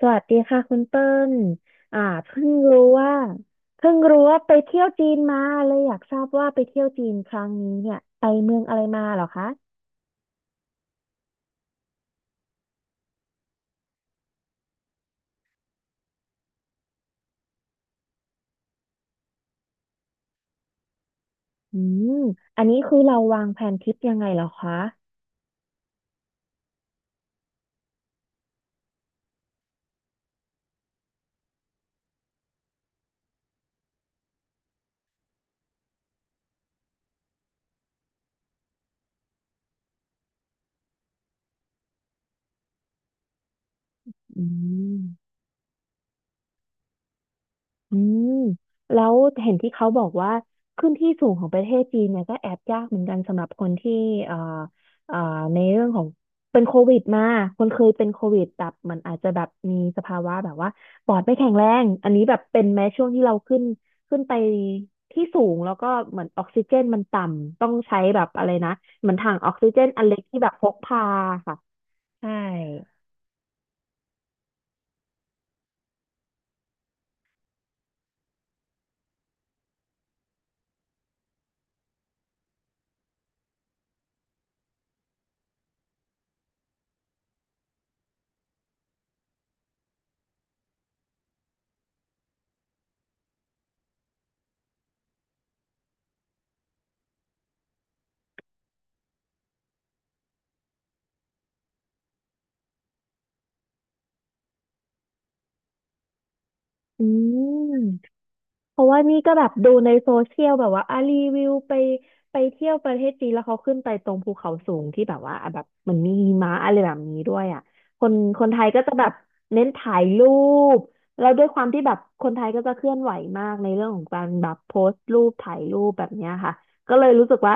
สวัสดีค่ะคุณเติ้ลอ่าเพิ่งรู้ว่าเพิ่งรู้ว่าไปเที่ยวจีนมาเลยอยากทราบว่าไปเที่ยวจีนครั้งนี้เนี่ยไปเมืองอะไรมาเหรอคะอืมอันนี้คือเราวางแผนทริปยังไงเหรอคะอืม อืมแล้วเห็นที่เขาบอกว่าขึ้นที่สูงของประเทศจีนเนี่ยก็แอบยากเหมือนกันสำหรับคนที่เอ่อเอ่อในเรื่องของเป็นโควิดมาคนเคยเป็นโควิดแบบมันอาจจะแบบมีสภาวะแบบว่าปอดไม่แข็งแรงอันนี้แบบเป็นแม้ช่วงที่เราขึ้นไปที่สูงแล้วก็เหมือนออกซิเจนมันต่ำต้องใช้แบบอะไรนะเหมือนถังออกซิเจนอันเล็กที่แบบพกพาค่ะใช่อืม เพราะว่านี่ก็แบบดูในโซเชียลแบบว่าอ่ะรีวิวไปเที่ยวประเทศจีนแล้วเขาขึ้นไปตรงภูเขาสูงที่แบบว่าอ่ะแบบมันมีหิมะอะไรแบบนี้ด้วยอ่ะคนคนไทยก็จะแบบเน้นถ่ายรูปแล้วด้วยความที่แบบคนไทยก็จะเคลื่อนไหวมากในเรื่องของการแบบโพสต์รูปถ่ายรูปแบบเนี้ยค่ะก็เลยรู้สึกว่า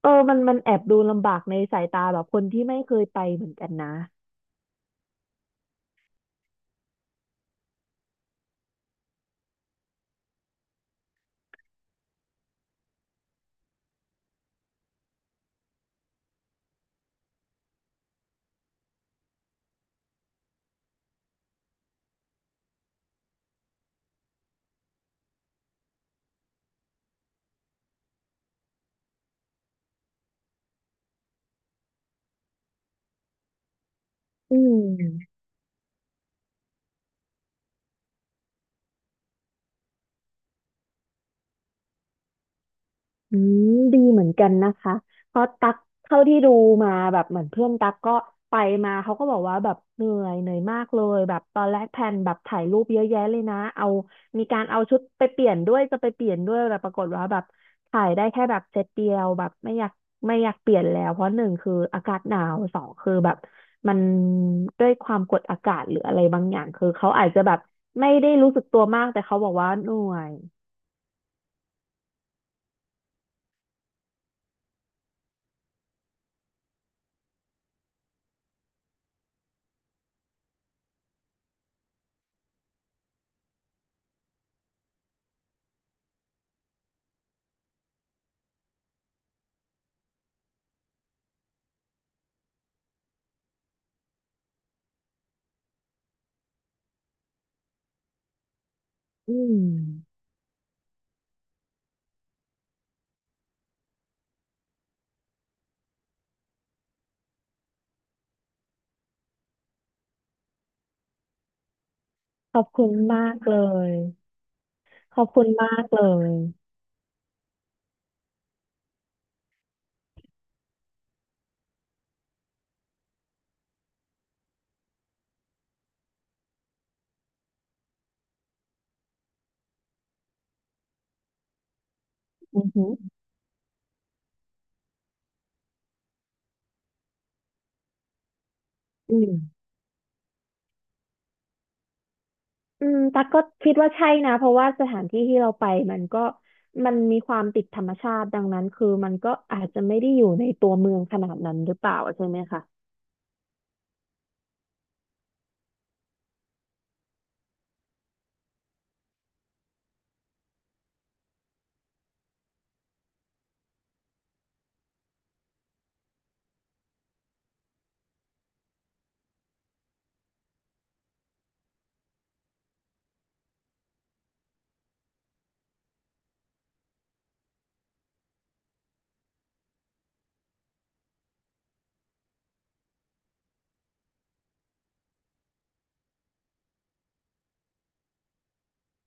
เออมันแอบดูลำบากในสายตาแบบคนที่ไม่เคยไปเหมือนกันนะอืม อืมดีเหมือนกันนะคะเพราะตักเท่าที่ดูมาแบบเหมือนเพื่อนตักก็ไปมาเขาก็บอกว่าแบบเหนื่อยมากเลยแบบตอนแรกแพลนแบบถ่ายรูปเยอะแยะเลยนะเอามีการเอาชุดไปเปลี่ยนด้วยจะไปเปลี่ยนด้วยแต่ปรากฏว่าแบบถ่ายได้แค่แบบเซตเดียวแบบไม่อยากเปลี่ยนแล้วเพราะหนึ่งคืออากาศหนาวสองคือแบบมันด้วยความกดอากาศหรืออะไรบางอย่างคือเขาอาจจะแบบไม่ได้รู้สึกตัวมากแต่เขาบอกว่าเหนื่อยอืม ขอบคุณมากเลย ขอบคุณมากเลยอือหืออืมอืมตักก็คิดว่าใช่นะ เพราะว่าสถานที่ที่เราไปมันก็มันมีความติดธรรมชาติดังนั้นคือมันก็อาจจะไม่ได้อยู่ในตัวเมืองขนาดนั้นหรือเปล่าใช่ไหมคะ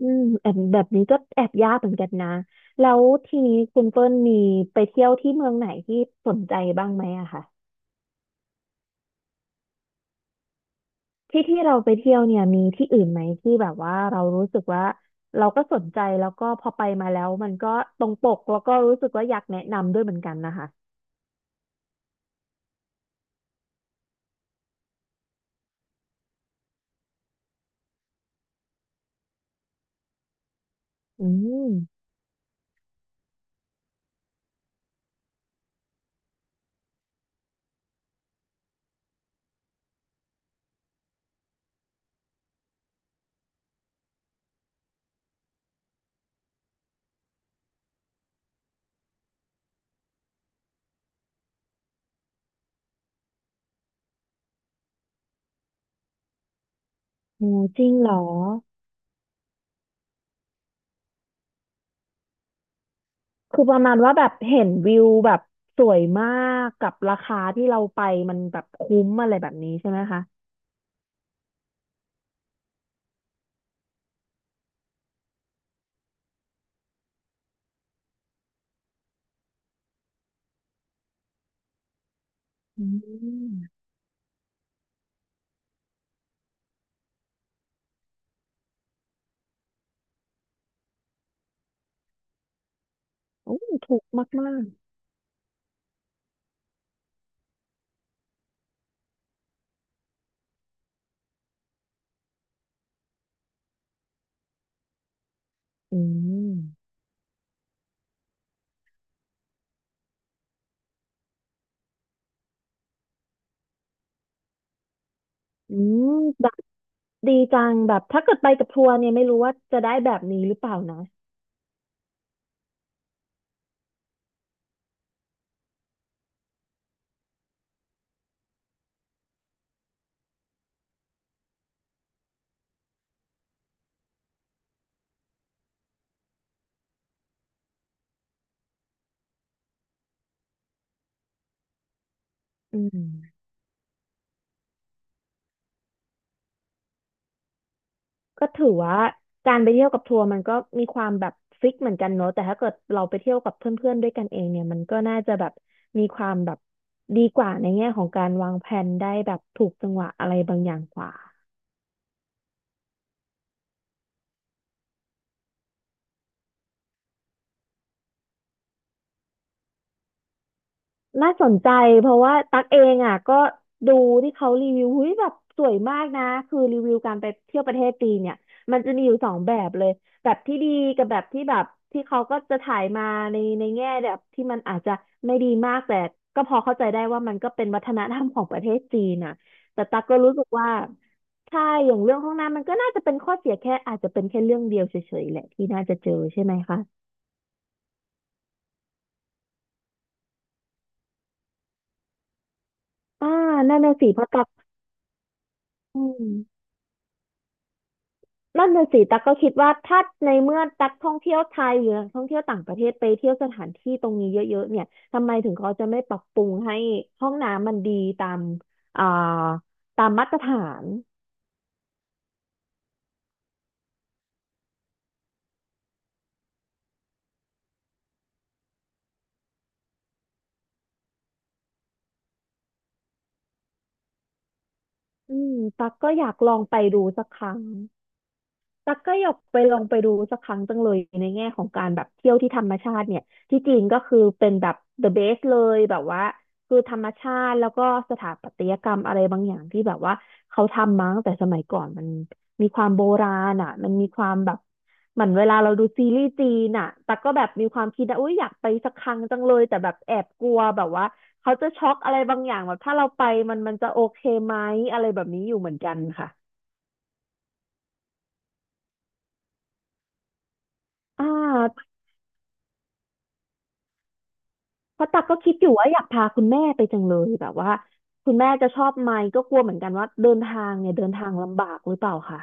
อืมแอบแบบนี้ก็แอบยากเหมือนกันนะแล้วทีนี้คุณเปิ้ลมีไปเที่ยวที่เมืองไหนที่สนใจบ้างไหมอะคะ ที่ที่เราไปเที่ยวเนี่ยมีที่อื่นไหมที่แบบว่าเรารู้สึกว่าเราก็สนใจแล้วก็พอไปมาแล้วมันก็ตรงปกแล้วก็รู้สึกว่าอยากแนะนำด้วยเหมือนกันนะคะอืมโหจริงเหรอคือประมาณว่าแบบเห็นวิวแบบสวยมากกับราคาที่เราไปมันแบบคุ้มอะไรแบบนี้ใช่ไหมคะอืมโอ้ถูกมากมากอืมอืมแบบดีจังแบบถ้าเกิดไปกับทัวร์เนี่ยไม่รู้ว่าจะได้แบบนี้หรือเปล่านะอืม ก็ถือว่าการไปเที่ยวกับทัวร์มันก็มีความแบบฟิกเหมือนกันเนอะแต่ถ้าเกิดเราไปเที่ยวกับเพื่อนๆด้วยกันเองเนี่ยมันก็น่าจะแบบมีความแบบดีกว่าในแง่ของการวางแผนได้แบบถูกจังหวะอะไรบางอย่างกว่า น่าสนใจเพราะว่าตักเองอ่ะก็ดูที่เขารีวิวหุ้ยแบบสวยมากนะคือรีวิวการไปเที่ยวประเทศจีนเนี่ยมันจะมีอยู่สองแบบเลยแบบที่ดีกับแบบที่แบบที่เขาก็จะถ่ายมาในแง่แบบที่มันอาจจะไม่ดีมากแต่ก็พอเข้าใจได้ว่ามันก็เป็นวัฒนธรรมของประเทศจีนน่ะแต่ตักก็รู้สึกว่าใช่อย่างเรื่องห้องน้ำมันก็น่าจะเป็นข้อเสียแค่อาจจะเป็นแค่เรื่องเดียวเฉยๆแหละที่น่าจะเจอใช่ไหมคะอ่านั่นน่ะสิเพราะตักอืม นั่นน่ะสิตั๊กก็คิดว่าถ้าในเมื่อตั๊กท่องเที่ยวไทยหรือนักท่องเที่ยวต่างประเทศไปเที่ยวสถานที่ตรงนี้เยอะๆเนี่ยทำไมถึงเขาจะไม่ปรับปรุงให้ห้องน้ำมันดีตามอ่าตามมาตรฐานอืมตั๊กก็อยากลองไปดูสักครั้ง ตั๊กก็อยากไปลองไปดูสักครั้งจังเลยในแง่ของการแบบเที่ยวที่ธรรมชาติเนี่ยที่จีนก็คือเป็นแบบ the best เลยแบบว่าคือธรรมชาติแล้วก็สถาปัตยกรรมอะไรบางอย่างที่แบบว่าเขาทำมาตั้งแต่สมัยก่อนมันมีความโบราณอ่ะมันมีความแบบเหมือนเวลาเราดูซีรีส์จีนอ่ะตั๊กก็แบบมีความคิดนะอุ้ยอยากไปสักครั้งจังเลยแต่แบบแอบกลัวแบบว่าเขาจะช็อกอะไรบางอย่างแบบถ้าเราไปมันจะโอเคไหมอะไรแบบนี้อยู่เหมือนกันค่ะอ่า เพราะตักก็คิดอยู่ว่าอยากพาคุณแม่ไปจังเลยแบบว่าคุณแม่จะชอบไหมก็กลัวเหมือนกันว่าเดินทางเนี่ยเดินทางลำบากหรือเปล่าค่ะ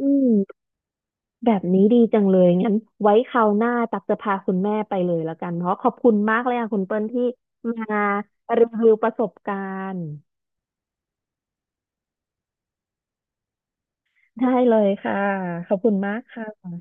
อืมแบบนี้ดีจังเลยงั้นไว้คราวหน้าตักจะพาคุณแม่ไปเลยแล้วกันเพราะขอบคุณมากเลยค่ะคุณเปิ้ลที่มารีวิวประสบการณ์ได้เลยค่ะขอบคุณมากค่ะ